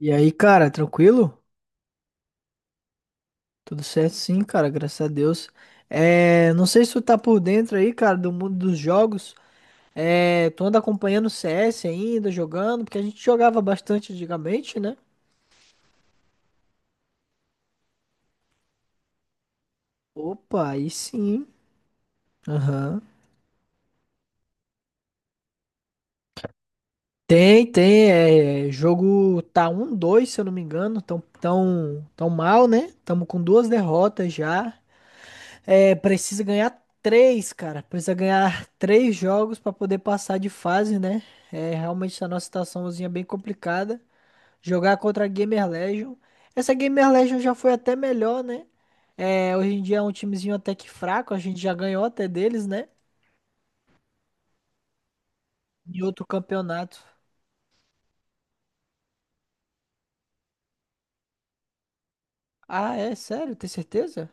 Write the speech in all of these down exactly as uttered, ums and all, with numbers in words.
E aí, cara, tranquilo? Tudo certo sim, cara, graças a Deus. É, não sei se tu tá por dentro aí, cara, do mundo dos jogos. É, tu anda acompanhando o C S ainda, jogando, porque a gente jogava bastante antigamente, né? Opa, aí sim. Aham. Tem, tem, é, jogo tá um dois, se eu não me engano, tão, tão, tão mal, né? Tamo com duas derrotas já. É, precisa ganhar três, cara. Precisa ganhar três jogos pra poder passar de fase, né? É, realmente tá numa situaçãozinha é bem complicada. Jogar contra a Gamer Legion. Essa Gamer Legion já foi até melhor, né? É, hoje em dia é um timezinho até que fraco. A gente já ganhou até deles, né? Em outro campeonato. Ah, é? Sério? Tem certeza?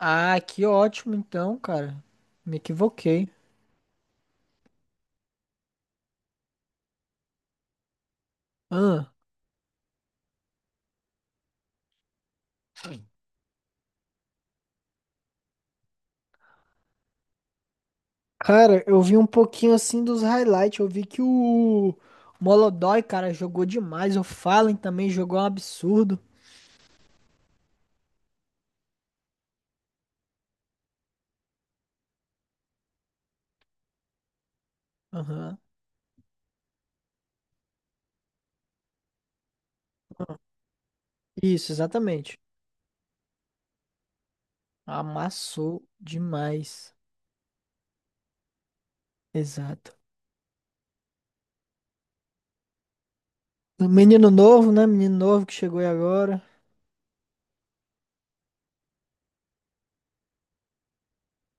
Ah, que ótimo então, cara. Me equivoquei. Ah. Cara, eu vi um pouquinho assim dos highlights. Eu vi que o Molodói, cara, jogou demais. O Fallen também jogou um absurdo. Aham. Isso, exatamente. Amassou demais. Exato. O menino novo, né? Menino novo que chegou aí agora.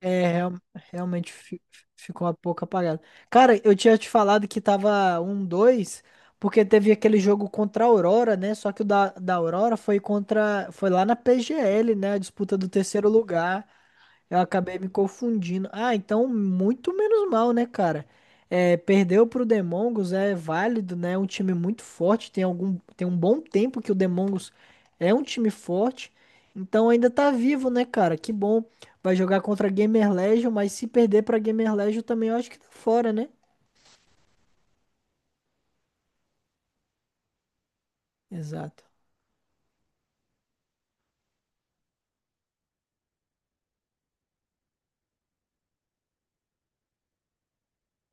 É, real- realmente fi- ficou um pouco apagado. Cara, eu tinha te falado que tava um dois porque teve aquele jogo contra a Aurora, né? Só que o da, da Aurora foi contra. Foi lá na P G L, né? A disputa do terceiro lugar. Eu acabei me confundindo. Ah, então muito menos mal, né, cara? É, perdeu pro Demongos é válido, né? É um time muito forte. Tem algum, tem um bom tempo que o Demongos é um time forte. Então ainda tá vivo, né, cara? Que bom. Vai jogar contra a Gamer Legion, mas se perder pra Gamer Legion também eu acho que tá fora, né? Exato.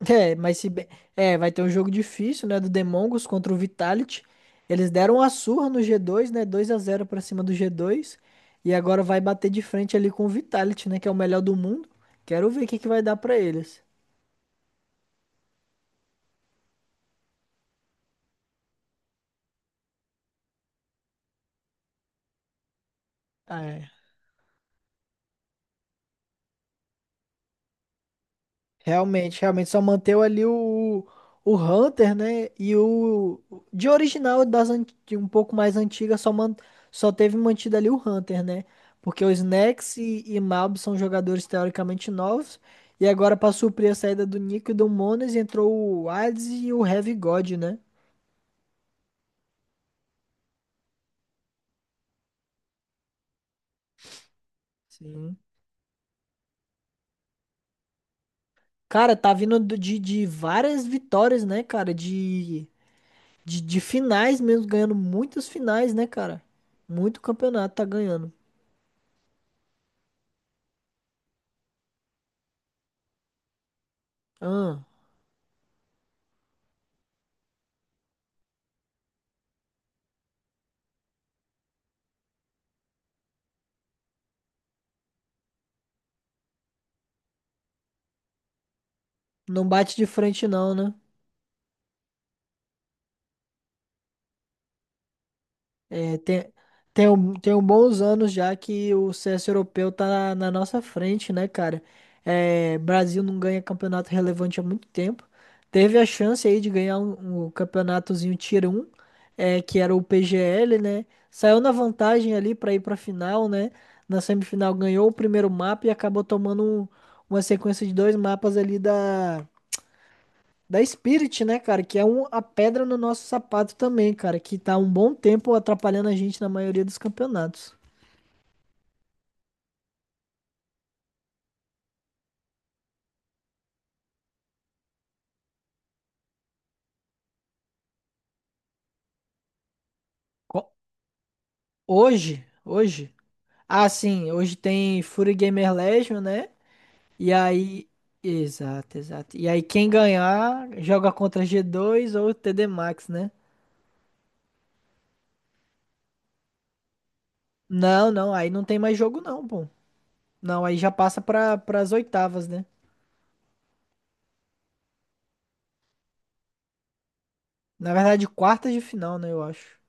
É, mas se bem... É, vai ter um jogo difícil, né? Do Demongos contra o Vitality. Eles deram uma surra no G dois, né? Dois a zero pra cima do G dois. E agora vai bater de frente ali com o Vitality, né? Que é o melhor do mundo. Quero ver o que que vai dar pra eles. É. Realmente, realmente só manteu ali o, o Hunter, né? E o de original das an- de um pouco mais antiga, só man, só teve mantido ali o Hunter, né? Porque os Nex e, e Malb são jogadores teoricamente novos e agora para suprir a saída do Nico e do Mones entrou o Hades e o Heavy God, né? Sim. Cara, tá vindo do- de, de várias vitórias, né, cara? De, de, de finais mesmo, ganhando muitas finais, né, cara? Muito campeonato tá ganhando. Ahn. Não bate de frente não, né? É, tem, tem, um- tem um bons anos já que o C S europeu tá na, na nossa frente, né, cara? É, Brasil não ganha campeonato relevante há muito tempo. Teve a chance aí de ganhar um, um campeonatozinho Tier um, é, que era o P G L, né? Saiu na vantagem ali pra ir pra final, né? Na semifinal ganhou o primeiro mapa e acabou tomando um- uma sequência de dois mapas ali da Da Spirit, né, cara? Que é um, a pedra no nosso sapato também, cara. Que tá há um bom tempo atrapalhando a gente na maioria dos campeonatos. Co- Hoje, hoje. Ah, sim, hoje tem Fury Gamer Legion, né? E aí. Exato, exato. E aí, quem ganhar joga contra g dois ou T D Max, né? Não, não, aí não tem mais jogo, não, pô. Não, aí já passa para as oitavas, né? Na verdade, quartas de final, né, eu acho.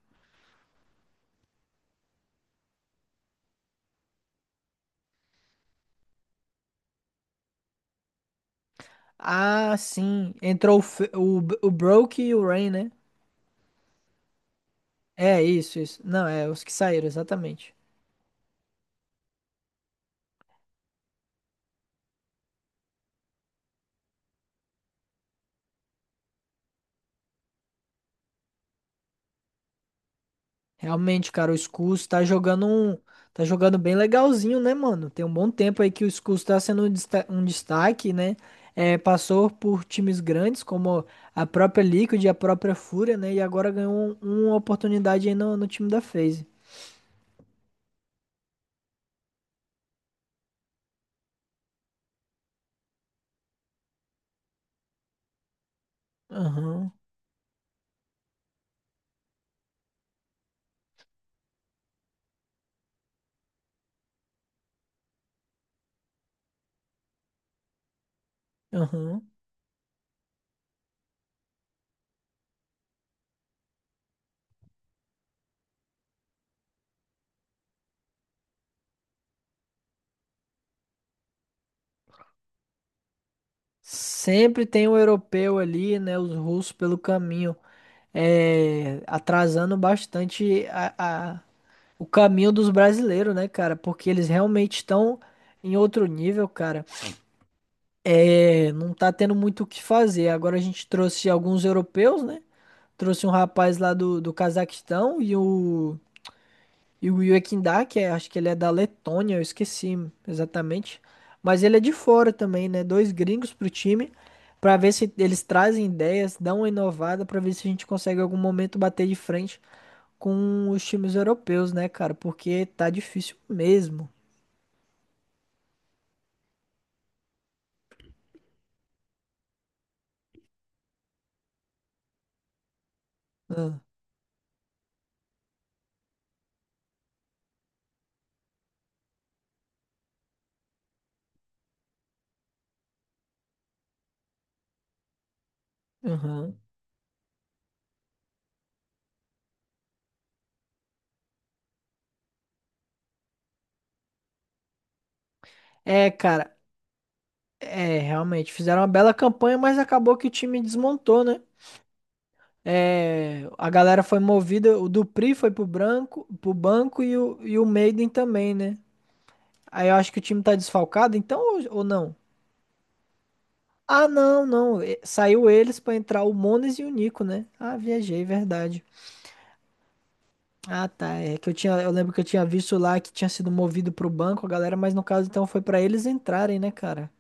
Ah, sim. Entrou o, Fe- o, B- o Broke e o Rain, né? É isso, isso. Não, é os que saíram, exatamente. Realmente, cara, o Scus tá jogando um, tá jogando bem legalzinho, né, mano? Tem um bom tempo aí que o Scus tá sendo um desta- um destaque, né? É, passou por times grandes como a própria Liquid e a própria Fúria, né? E agora ganhou um- uma oportunidade aí no, no time da FaZe. Aham, aham. Sempre tem o europeu ali, né? Os russos pelo caminho, é, atrasando bastante a. o caminho dos brasileiros, né, cara? Porque eles realmente estão em outro nível, cara. É, não tá tendo muito o que fazer. Agora a gente trouxe alguns europeus, né? Trouxe um rapaz lá do, do Cazaquistão e o, e o Yekindá, que é, acho que ele é da Letônia, eu esqueci exatamente. Mas ele é de fora também, né? Dois gringos pro time, pra ver se eles trazem ideias, dão uma inovada, pra ver se a gente consegue em algum momento bater de frente com os times europeus, né, cara? Porque tá difícil mesmo. Aham. É, cara, é, realmente, fizeram uma bela campanha, mas acabou que o time desmontou, né? É, a galera foi movida, o Dupri foi pro branco, pro banco e o, e o Maiden também, né? Aí eu acho que o time tá desfalcado, então, ou, ou não? Ah, não, não, e- saiu eles pra entrar o Mones e o Nico, né? Ah, viajei, verdade. Ah, tá, é que eu tinha, eu lembro que eu tinha visto lá que tinha sido movido pro banco a galera, mas no caso então foi pra eles entrarem, né, cara?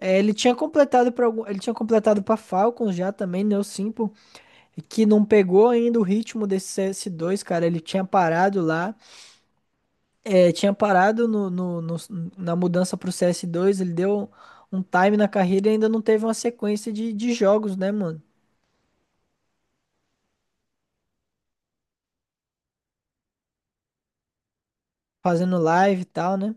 É, ele tinha completado para ele tinha completado para Falcons já também, né, o Simple, que não pegou ainda o ritmo desse C S dois cara. Ele tinha parado lá, é, tinha parado no, no- no- na mudança pro C S dois ele deu um time na carreira e ainda não teve uma sequência de, de jogos, né, mano? Fazendo live e tal, né?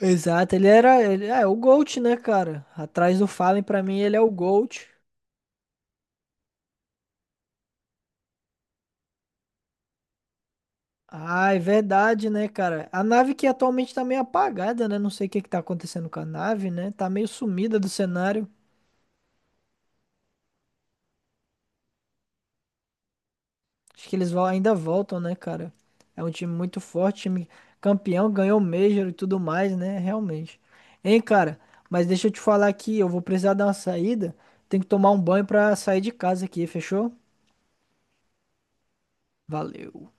Exato, ele era, ele é o GOAT, né, cara? Atrás do Fallen, pra mim, ele é o GOAT. Ah, é verdade, né, cara? A nave que atualmente tá meio apagada, né? Não sei o que que tá acontecendo com a nave, né? Tá meio sumida do cenário. Acho que eles vão, ainda voltam, né, cara? É um time muito forte, time campeão, ganhou o Major e tudo mais, né? Realmente. Hein, cara? Mas deixa eu te falar aqui, eu vou precisar dar uma saída. Tenho que tomar um banho pra sair de casa aqui, fechou? Valeu.